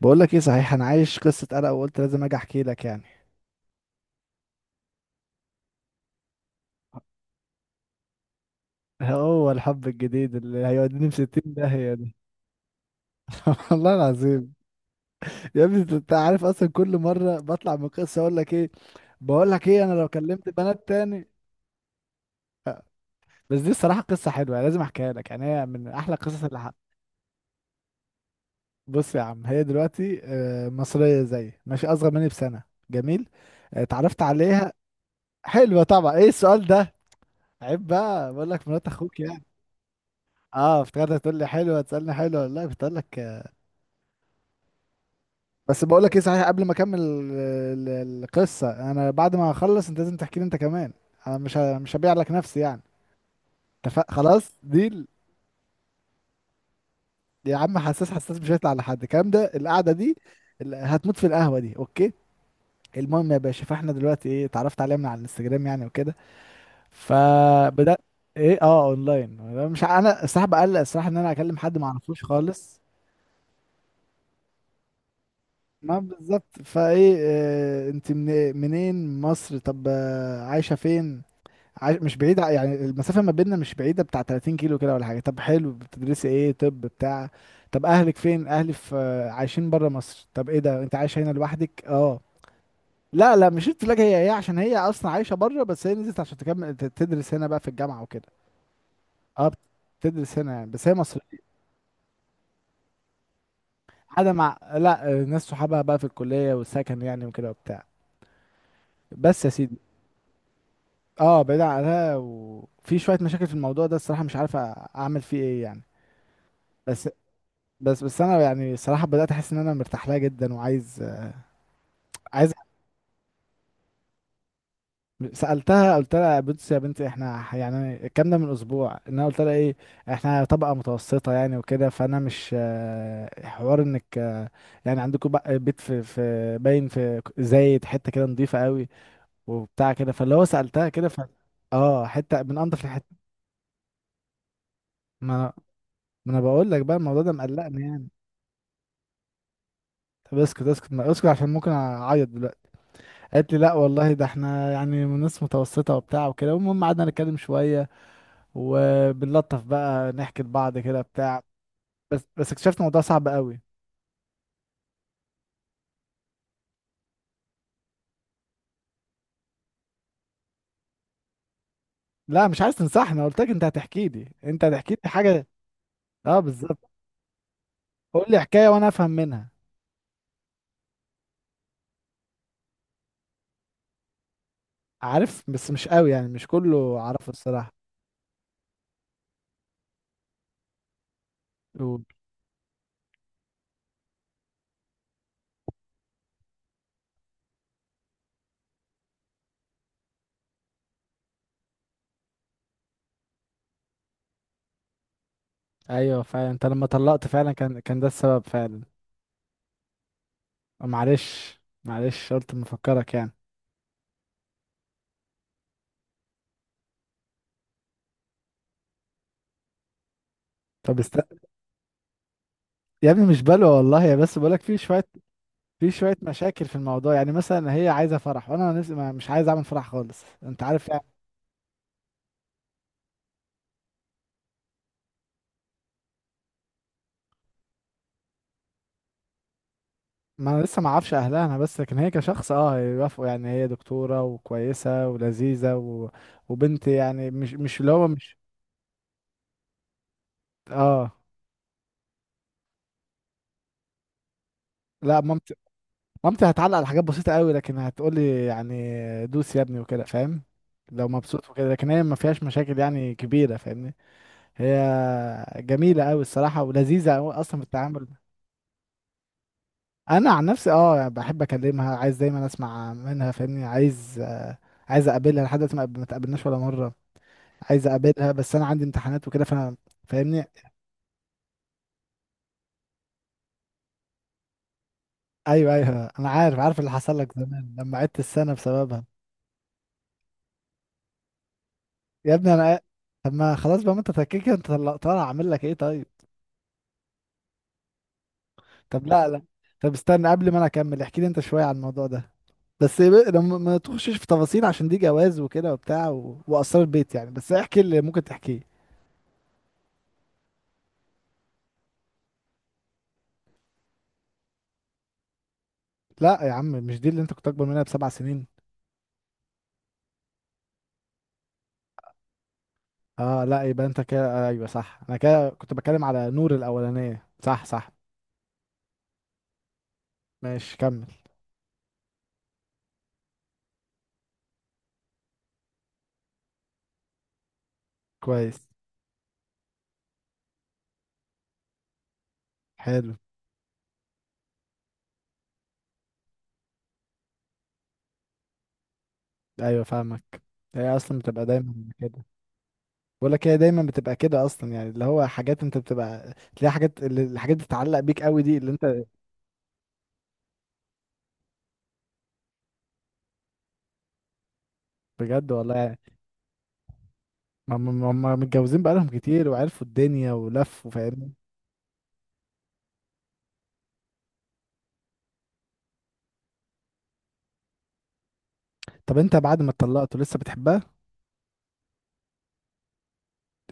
بقول لك ايه، صحيح انا عايش قصة قلق وقلت لازم اجي احكي لك يعني. هو الحب الجديد اللي هيوديني في 60 داهية ده والله العظيم. يا ابني انت عارف اصلا، كل مرة بطلع من قصة اقول لك ايه. بقول لك ايه، انا لو كلمت بنات تاني. بس دي الصراحة قصة حلوة يعني، لازم احكيها لك، يعني هي من احلى القصص اللي حق. بص يا عم، هي دلوقتي مصرية زي ماشي، اصغر مني بسنة. جميل. اتعرفت عليها. حلوة طبعا، ايه السؤال ده؟ عيب بقى، بقول لك مرات اخوك يعني. اه افتكرت هتقول لي حلوه، تسالني حلوه، لا كنت اقول لك. بس بقول لك ايه، صحيح قبل ما اكمل القصه، انا بعد ما اخلص انت لازم تحكي لي انت كمان. انا مش هبيع لك نفسي يعني. اتفق خلاص ديل. يا عم حساس، حساس مش هيطلع لحد، الكلام ده القعده دي. هتموت في القهوه دي اوكي. المهم يا باشا، فاحنا دلوقتي ايه، اتعرفت عليها من على الانستجرام يعني وكده. فبدات. ايه اه اونلاين، أنا مش ع- انا الصراحه بقلق الصراحه ان انا اكلم حد ما اعرفوش خالص. ما بالظبط، فايه آه انت من منين؟ مصر. طب عايشه فين؟ مش بعيدة يعني، المسافة ما بيننا مش بعيدة، بتاع 30 كيلو كده ولا حاجة. طب حلو، بتدرسي ايه؟ طب بتاع. طب اهلك فين؟ اهلي في، عايشين برا مصر. طب ايه ده انت عايش هنا لوحدك؟ اه. لا لا، مش قلت لك هي عشان هي اصلا عايشة برا، بس هي نزلت عشان تكمل تدرس هنا بقى في الجامعة وكده. اه بتدرس هنا يعني، بس هي مصرية. حاجة مع، لا ناس صحابها بقى في الكلية والسكن يعني وكده وبتاع. بس يا سيدي. اه بعيد عنها، وفي شوية مشاكل في الموضوع ده الصراحة، مش عارف اعمل فيه ايه يعني. بس بس انا يعني الصراحه بدات احس ان انا مرتاح لها جدا وعايز. عايز. سالتها قلت لها، بصي يا بنتي احنا يعني الكلام ده من اسبوع، ان انا قلت لها ايه، احنا طبقه متوسطه يعني وكده، فانا مش حوار انك يعني عندكم بقى بيت في باين، في زايد حته كده نظيفه قوي وبتاع كده، فاللي هو سالتها كده ف، اه حته من انضف الحته. ما ما انا بقول لك بقى الموضوع ده مقلقني يعني. طب اسكت اسكت، ما اسكت عشان ممكن اعيط دلوقتي. قالت لي لا والله، ده احنا يعني من ناس متوسطة وبتاع وكده. المهم قعدنا نتكلم شوية، وبنلطف بقى نحكي لبعض كده بتاع. بس اكتشفت الموضوع صعب قوي. لا مش عايز تنصحني، قلت لك انت هتحكي لي، انت هتحكي لي حاجة. اه بالظبط. قول لي حكاية وانا افهم منها. عارف بس مش قوي يعني، مش كله عارفه الصراحة. و- ايوه فعلا، انت لما طلقت فعلا كان ده السبب فعلا. معلش معلش، قلت مفكرك يعني. طب است... يا ابني مش بلوى والله يا، بس بقولك في شوية، في شوية مشاكل في الموضوع يعني. مثلا هي عايزة فرح، وانا نفسي مش عايز اعمل فرح خالص، انت عارف يعني. ما انا لسه ما اعرفش اهلها انا، بس لكن هي كشخص اه يوافقوا يعني، هي دكتورة وكويسة ولذيذة و، وبنت يعني، مش اللي هو مش، اه لا مامتي، مامتي هتعلق على حاجات بسيطة قوي، لكن هتقولي يعني دوس يا ابني وكده، فاهم؟ لو مبسوط وكده، لكن هي ما فيهاش مشاكل يعني كبيرة، فاهمني. هي جميلة قوي الصراحة، ولذيذة قوي اصلا في التعامل. انا عن نفسي اه بحب اكلمها، عايز دايما اسمع منها، فاهمني؟ عايز عايز اقابلها، لحد دلوقتي ما اتقابلناش ولا مره. عايز اقابلها، بس انا عندي امتحانات وكده فانا، فاهمني؟ ايوه ايوه، انا عارف، عارف اللي حصل لك زمان لما عدت السنه بسببها. يا ابني انا، طب ما خلاص بقى، ما انت تكيك، انت طالع اعمل لك ايه طيب. طب لا لا، طب استنى قبل ما انا اكمل، احكي لي انت شويه عن الموضوع ده. لما ما تخشش في تفاصيل، عشان دي جواز وكده وبتاع و، واسرار بيت يعني، بس احكي اللي ممكن تحكيه. لا يا عم، مش دي اللي انت كنت اكبر منها بـ7 سنين؟ اه لا، يبقى انت كده ايوه صح، انا كده كنت بتكلم على نور الاولانيه، صح صح. ماشي كمل. كويس. حلو. ايوه فاهمك. هي اصلا بتبقى دايما كده. بقول لك هي دايما بتبقى كده اصلا يعني، اللي هو حاجات، انت بتبقى تلاقي حاجات الحاجات اللي بتتعلق بيك قوي، دي اللي انت. بجد والله يعني، هم متجوزين بقالهم كتير، وعرفوا الدنيا ولفوا، فاهمني. طب انت بعد ما اتطلقتوا لسه بتحبها؟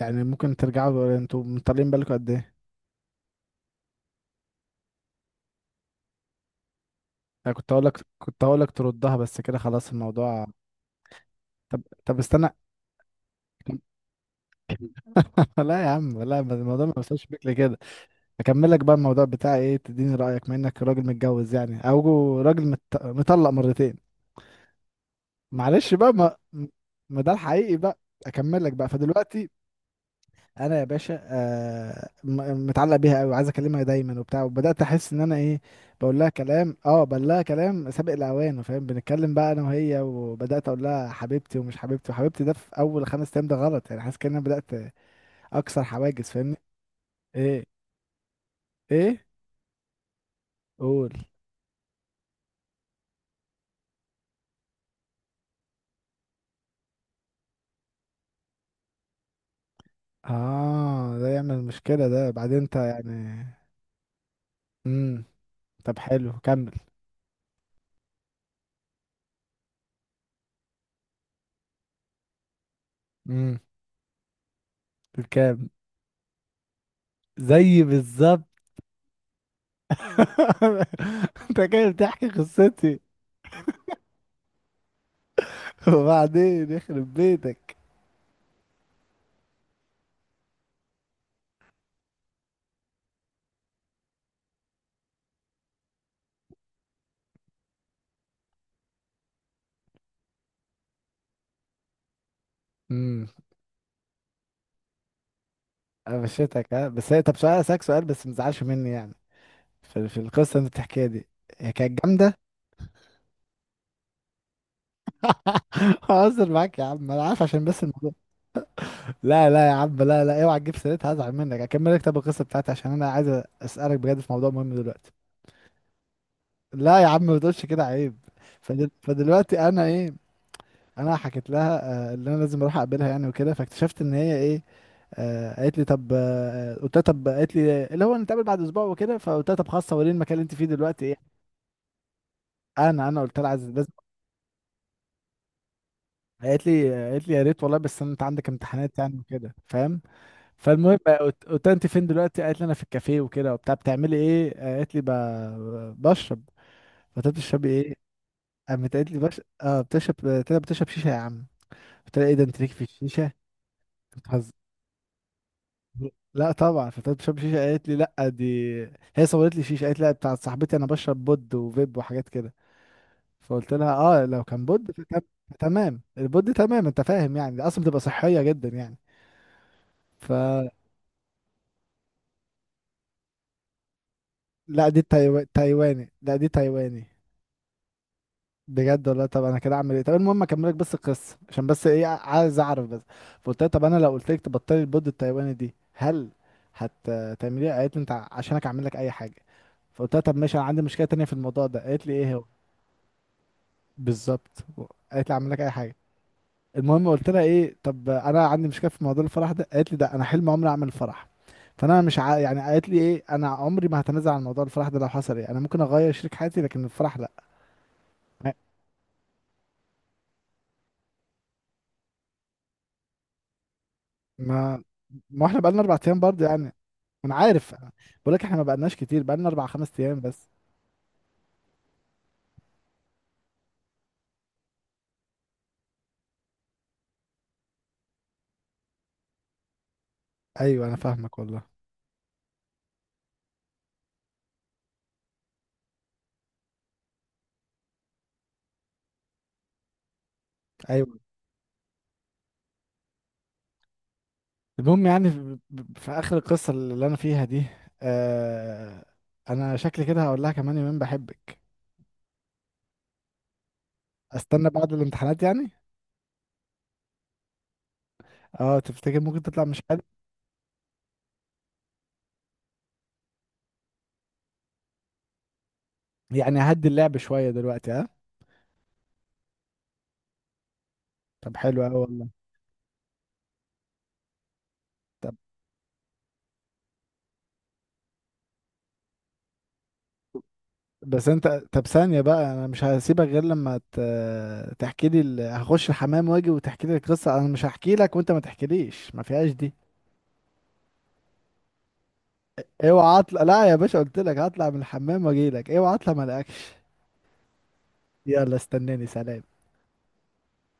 يعني ممكن ترجعوا؟ انتوا مطلقين بالكم قد ايه؟ انا كنت هقول لك، كنت هقول لك تردها، بس كده خلاص الموضوع. طب طب استنى، لا يا عم لا، الموضوع ما بيوصلش بيك لكده. اكمل لك بقى الموضوع بتاعي ايه، تديني رايك بما انك راجل متجوز يعني، او راجل مطلق مرتين. معلش بقى ما، ما ده الحقيقي بقى. اكمل لك بقى، فدلوقتي انا يا باشا آه، متعلق بيها قوي، وعايز اكلمها دايما وبتاع، وبدات احس ان انا ايه، بقول لها كلام، اه بقول لها كلام سابق الاوان، فاهم؟ بنتكلم بقى انا وهي، وبدات اقول لها حبيبتي ومش حبيبتي وحبيبتي، ده في اول 5 ايام، ده غلط يعني، حاسس كأن انا بدات اكسر حواجز، فاهمني؟ ايه؟ ايه؟ قول. اه ده يعمل مشكله ده بعدين انت يعني. امم. طب حلو كمل. امم. كام. زي بالظبط. انت كده بتحكي قصتي. وبعدين يخرب بيتك. امم. قفشتك ها، بس هي، طب سؤال، اسالك سؤال بس ما تزعلش مني يعني، في القصه اللي انت بتحكيها دي، هي كانت جامده؟ هزر معاك يا عم، انا عارف، عشان بس الموضوع. لا لا يا عم، لا لا، اوعى تجيب سيرتها هزعل منك. اكمل لك طب القصه بتاعتي، عشان انا عايز اسالك بجد في موضوع مهم دلوقتي. لا يا عم ما تقولش كده، عيب. فدلوقتي انا ايه، انا حكيت لها اللي انا لازم اروح اقابلها يعني وكده، فاكتشفت ان هي ايه، قالت لي طب، قلت لها طب، قالت لي اللي هو نتقابل بعد اسبوع وكده، فقلت لها طب خلاص، وريني المكان اللي انت فيه دلوقتي ايه. انا قلت لها عايز، لازم. قالت لي، قالت لي يا ريت والله، بس انت عندك امتحانات يعني وكده، فاهم. فالمهم قلت لها انت فين دلوقتي، قالت لي انا في الكافيه وكده وبتاع. بتعملي ايه؟ قالت لي بشرب. قلت لها بتشربي ايه؟ قامت قالت لي اه بتشرب. قلت لها بتشرب شيشه يا عم؟ قلت لها ايه ده، انت ليك في الشيشه؟ لا طبعا فتاة بشرب شيشة، قالت لي لا دي، هي صورت لي شيشة، قالت لي لا بتاعت صاحبتي، انا بشرب بود وفيب وحاجات كده. فقلت لها اه لو كان بود فتمام، البود تمام انت فاهم يعني، دي اصلا بتبقى صحية جدا يعني. ف، لا دي تايواني، لا دي تايواني. بجد والله، طب انا كده اعمل ايه؟ طب المهم اكملك بس القصة، عشان بس ايه عايز اعرف بس. فقلت لها طب انا لو قلت لك تبطلي البود التايواني دي، هل هتعمليها؟ قالت لي انت عشانك اعمل لك اي حاجة. فقلت لها طب ماشي، انا عندي مشكله تانية في الموضوع ده، قالت لي ايه هو؟ بالظبط. قالت لي اعمل لك اي حاجه. المهم قلت لها ايه، طب انا عندي مشكله في موضوع الفرح ده، قالت لي ده انا حلم عمري اعمل فرح، فانا مش ع، يعني قالت لي ايه، انا عمري ما هتنازل عن موضوع الفرح ده، لو حصل ايه، انا ممكن اغير شريك حياتي، لكن الفرح لا. ما ما احنا بقالنا 4 ايام برضه يعني. انا عارف. بقول لك احنا ما بقالناش كتير، بقالنا 4 5 ايام بس. ايوه انا فاهمك والله. ايوه. المهم يعني في اخر القصه اللي انا فيها دي، آه، انا شكلي كده هقول لها كمان يومين بحبك. استنى بعد الامتحانات يعني. اه تفتكر ممكن تطلع مش حلو؟ يعني هدي اللعب شوية دلوقتي ها. طب حلو أوي والله. طب بس انت، طب ثانية بقى، انا مش هسيبك غير لما تحكي لي هخش الحمام واجي وتحكي لي القصة، انا مش هحكي لك وانت ما تحكيليش، ما فيهاش دي. اوعى اطلع، لا يا باشا، قلت لك هطلع من الحمام واجي لك، اوعى اطلع ما الاقيكش. يلا استناني، سلام.